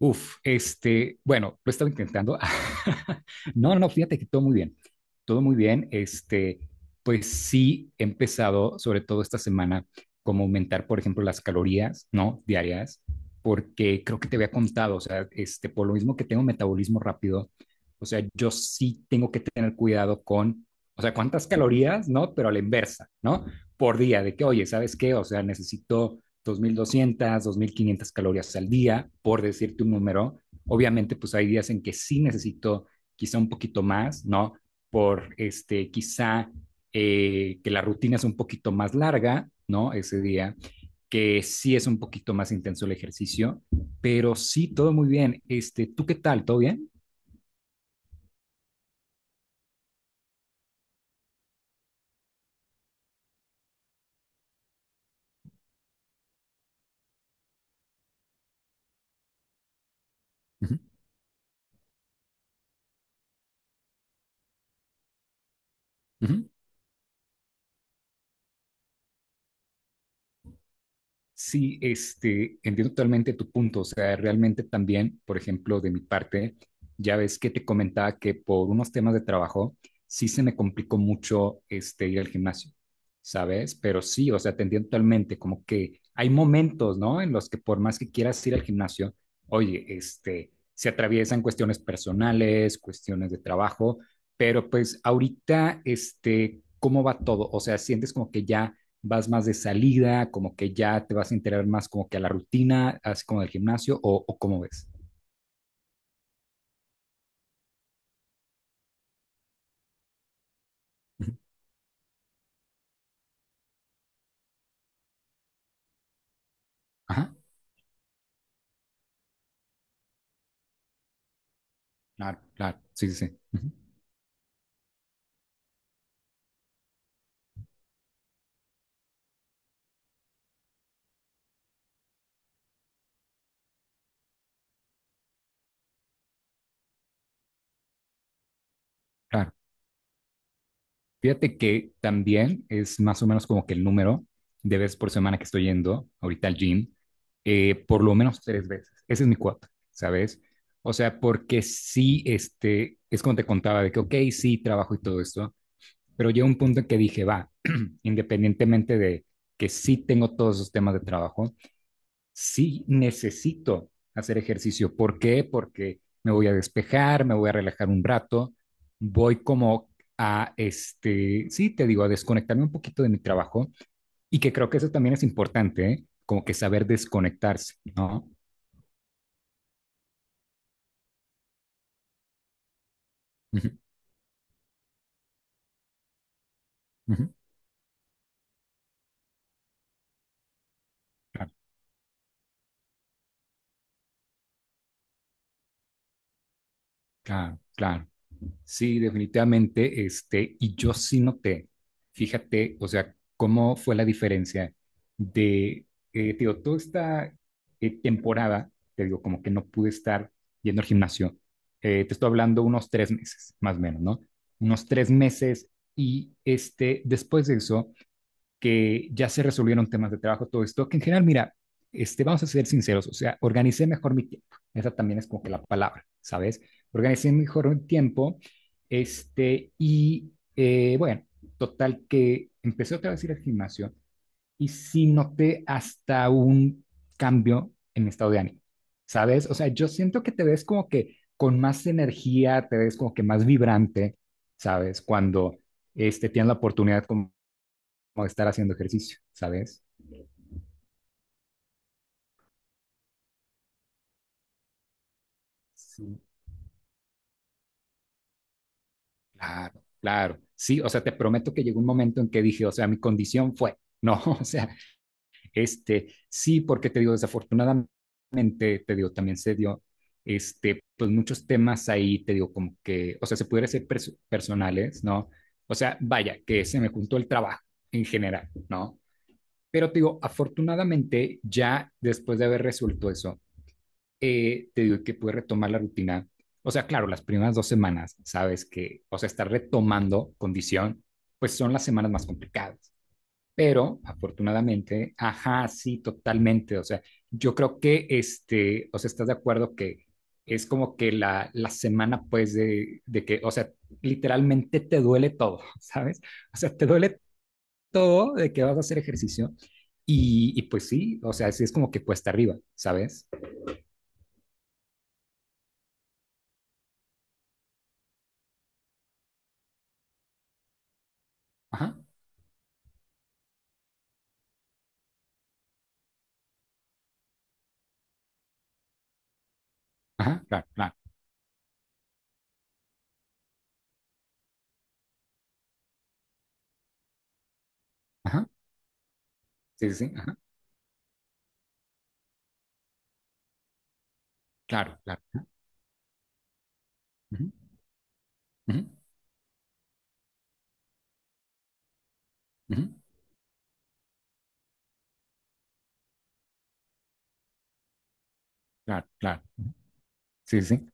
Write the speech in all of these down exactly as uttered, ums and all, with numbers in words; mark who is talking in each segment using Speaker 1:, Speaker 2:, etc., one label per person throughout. Speaker 1: Uf, este, bueno, lo estaba intentando. No, no, no, fíjate que todo muy bien, todo muy bien. Este, pues sí he empezado, sobre todo esta semana, como aumentar, por ejemplo, las calorías, ¿no? Diarias, porque creo que te había contado, o sea, este, por lo mismo que tengo metabolismo rápido, o sea, yo sí tengo que tener cuidado con, o sea, cuántas calorías, ¿no? Pero a la inversa, ¿no? Por día, de que, oye, ¿sabes qué? O sea, necesito dos mil doscientas, dos mil quinientas calorías al día, por decirte un número. Obviamente, pues hay días en que sí necesito quizá un poquito más, ¿no? Por este, quizá eh, que la rutina es un poquito más larga, ¿no? Ese día, que sí es un poquito más intenso el ejercicio, pero sí, todo muy bien. Este, ¿tú qué tal? ¿Todo bien? Uh -huh. Uh -huh. Sí, este, entiendo totalmente tu punto. O sea, realmente también, por ejemplo, de mi parte, ya ves que te comentaba que por unos temas de trabajo sí se me complicó mucho este, ir al gimnasio, ¿sabes? Pero sí, o sea, te entiendo totalmente, como que hay momentos, ¿no? En los que por más que quieras ir al gimnasio, oye, este, se atraviesan cuestiones personales, cuestiones de trabajo, pero pues ahorita, este, ¿cómo va todo? O sea, sientes como que ya vas más de salida, como que ya te vas a integrar más como que a la rutina, así como del gimnasio, o, o cómo ves? Ujú. Ajá, claro, claro, sí, sí, sí, ujú, claro. Fíjate que también es más o menos como que el número de veces por semana que estoy yendo ahorita al gym, eh, por lo menos tres veces. Ese es mi cuota, ¿sabes? O sea, porque sí, este, es como te contaba, de que, ok, sí, trabajo y todo esto, pero llega un punto en que dije, va, independientemente de que sí tengo todos esos temas de trabajo, sí necesito hacer ejercicio. ¿Por qué? Porque me voy a despejar, me voy a relajar un rato, voy como a, este, sí, te digo, a desconectarme un poquito de mi trabajo y que creo que eso también es importante, ¿eh? Como que saber desconectarse, ¿no? Ujú, ujú. Claro, claro, claro. Sí, definitivamente, este, y yo sí noté, fíjate, o sea, cómo fue la diferencia de, eh, te digo, toda esta eh, temporada, te digo, como que no pude estar yendo al gimnasio. Eh, te estoy hablando unos tres meses, más o menos, ¿no? Unos tres meses, y este, después de eso, que ya se resolvieron temas de trabajo, todo esto, que en general, mira, este, vamos a ser sinceros, o sea, organicé mejor mi tiempo. Esa también es como que la palabra, ¿sabes? Organicé mejor mi tiempo, este, y eh, bueno, total que empecé otra vez a ir al gimnasio y sí noté hasta un cambio en mi estado de ánimo, ¿sabes? O sea, yo siento que te ves como que con más energía, te ves como que más vibrante, ¿sabes? Cuando este, tienes la oportunidad como como estar haciendo ejercicio, ¿sabes? Sí. Claro, claro. Sí, o sea, te prometo que llegó un momento en que dije, o sea, mi condición fue, no, o sea, este, sí, porque te digo, desafortunadamente, te digo, también se dio, este, pues muchos temas ahí, te digo, como que, o sea, se pudiera ser perso- personales, ¿no? O sea, vaya, que se me juntó el trabajo en general, ¿no? Pero te digo, afortunadamente, ya después de haber resuelto eso, eh, te digo que pude retomar la rutina. O sea, claro, las primeras dos semanas, sabes que, o sea, estar retomando condición, pues son las semanas más complicadas. Pero afortunadamente, ajá, sí, totalmente. O sea, yo creo que, este, o sea, estás de acuerdo que es como que la, la semana, pues, de, de que, o sea, literalmente te duele todo, ¿sabes? O sea, te duele todo de que vas a hacer ejercicio. Y, y pues sí, o sea, sí es como que cuesta arriba, ¿sabes? Ajá, ajá, claro, claro. Ajá, sí, sí, sí, ajá, claro, claro. Ujú, ujú, ujú, claro, claro, sí, sí, sí,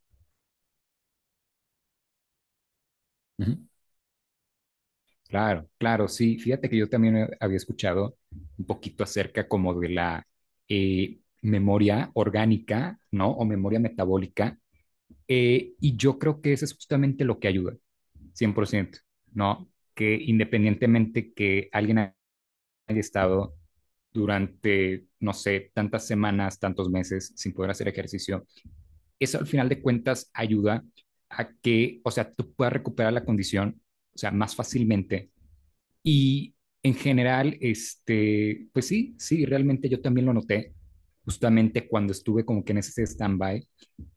Speaker 1: ujú, claro, claro, sí. Fíjate que yo también he- había escuchado un poquito acerca como de la eh, memoria orgánica, ¿no? O memoria metabólica. eh, y yo creo que eso es justamente lo que ayuda, cien por ciento, ¿no? Que independientemente que alguien haya estado durante, no sé, tantas semanas, tantos meses sin poder hacer ejercicio, eso al final de cuentas ayuda a que, o sea, tú puedas recuperar la condición, o sea, más fácilmente. Y en general, este, pues sí, sí, realmente yo también lo noté, justamente cuando estuve como que en ese stand-by.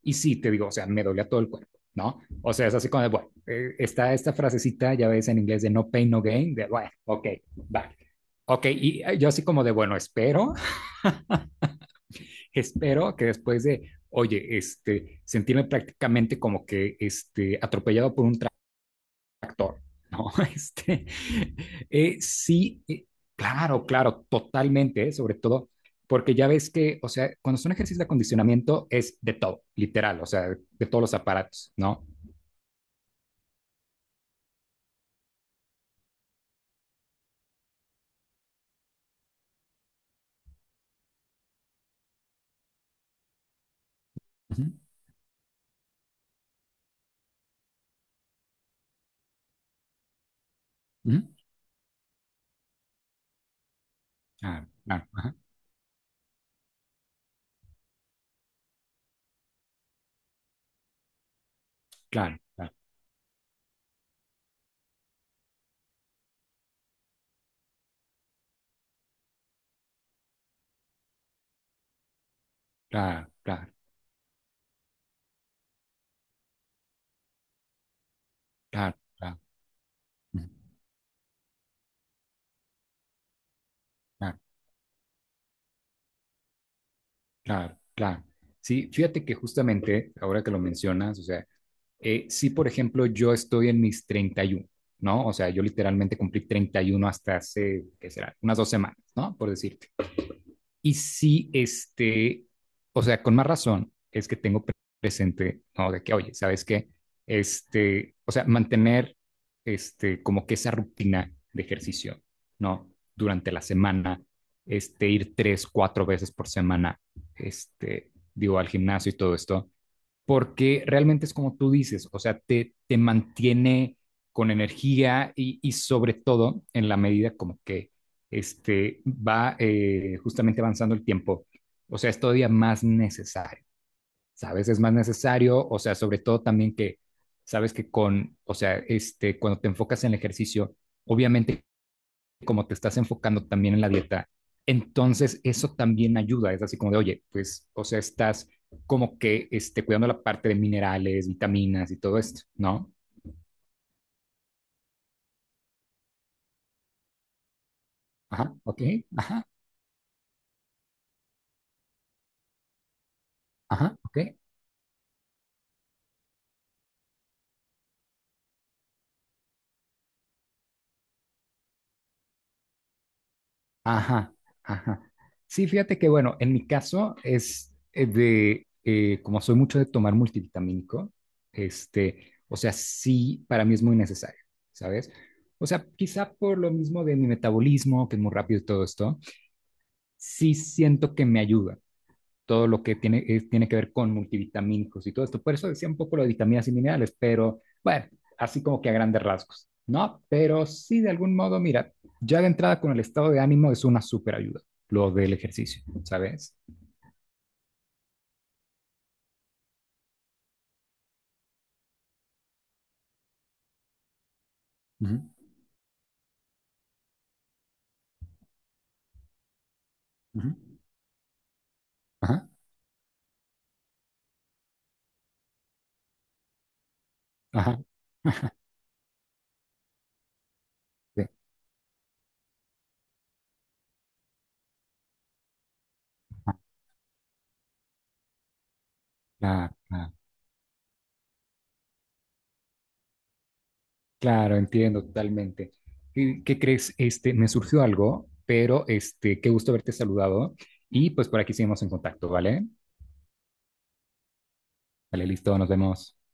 Speaker 1: Y sí, te digo, o sea, me dolía todo el cuerpo, ¿no? O sea, es así como de, bueno, eh, está esta frasecita, ya ves en inglés, de no pain, no gain, de, bueno, ok, vale. Ok, y eh, yo así como de, bueno, espero espero que después de, oye, este, sentirme prácticamente como que este, atropellado por un tráfico, ¿no? Este, eh, sí, eh, claro, claro, totalmente, ¿eh? Sobre todo porque ya ves que, o sea, cuando son ejercicios de acondicionamiento es de todo, literal, o sea, de, de todos los aparatos, ¿no? Uh -huh, uh -huh. Claro, claro, ajá. Claro, claro, claro, claro, claro, claro, ujú, claro, claro, claro. Sí, fíjate que justamente ahora que lo mencionas, o sea, Eh, si, por ejemplo, yo estoy en mis treinta y uno, ¿no? O sea, yo literalmente cumplí treinta y uno hasta hace, ¿qué será? Unas dos semanas, ¿no? Por decirte. Y sí, este, o sea, con más razón es que tengo presente, ¿no? De que, oye, ¿sabes qué? Este, o sea, mantener, este, como que esa rutina de ejercicio, ¿no? Durante la semana, este, ir tres, cuatro veces por semana, este, digo, al gimnasio y todo esto, porque realmente es como tú dices, o sea, te, te mantiene con energía y, y sobre todo en la medida como que este, va eh, justamente avanzando el tiempo, o sea, es todavía más necesario, ¿sabes? Es más necesario, o sea, sobre todo también que, sabes que con, o sea, este, cuando te enfocas en el ejercicio, obviamente como te estás enfocando también en la dieta, entonces eso también ayuda. Es así como de, oye, pues, o sea, estás como que este, cuidando la parte de minerales, vitaminas y todo esto, ¿no? Ajá, ok, ajá, ajá, ok, ajá, ajá. Sí, fíjate que, bueno, en mi caso es eh, de, eh, como soy mucho de tomar multivitamínico, este, o sea, sí, para mí es muy necesario, ¿sabes? O sea, quizá por lo mismo de mi metabolismo, que es muy rápido y todo esto, sí siento que me ayuda todo lo que tiene, eh, tiene que ver con multivitamínicos y todo esto. Por eso decía un poco lo de vitaminas y minerales, pero bueno, así como que a grandes rasgos, ¿no? Pero sí, de algún modo, mira, ya de entrada con el estado de ánimo es una súper ayuda, lo del ejercicio, ¿sabes? Ujú, ujú. Ajá, ajá. Ajá, sí, ah, claro, claro, claro, entiendo totalmente. ¿Y ¿Qué crees? Este, me surgió algo, pero este, qué gusto haberte saludado y pues por aquí seguimos en contacto, ¿vale? Vale, listo, nos vemos.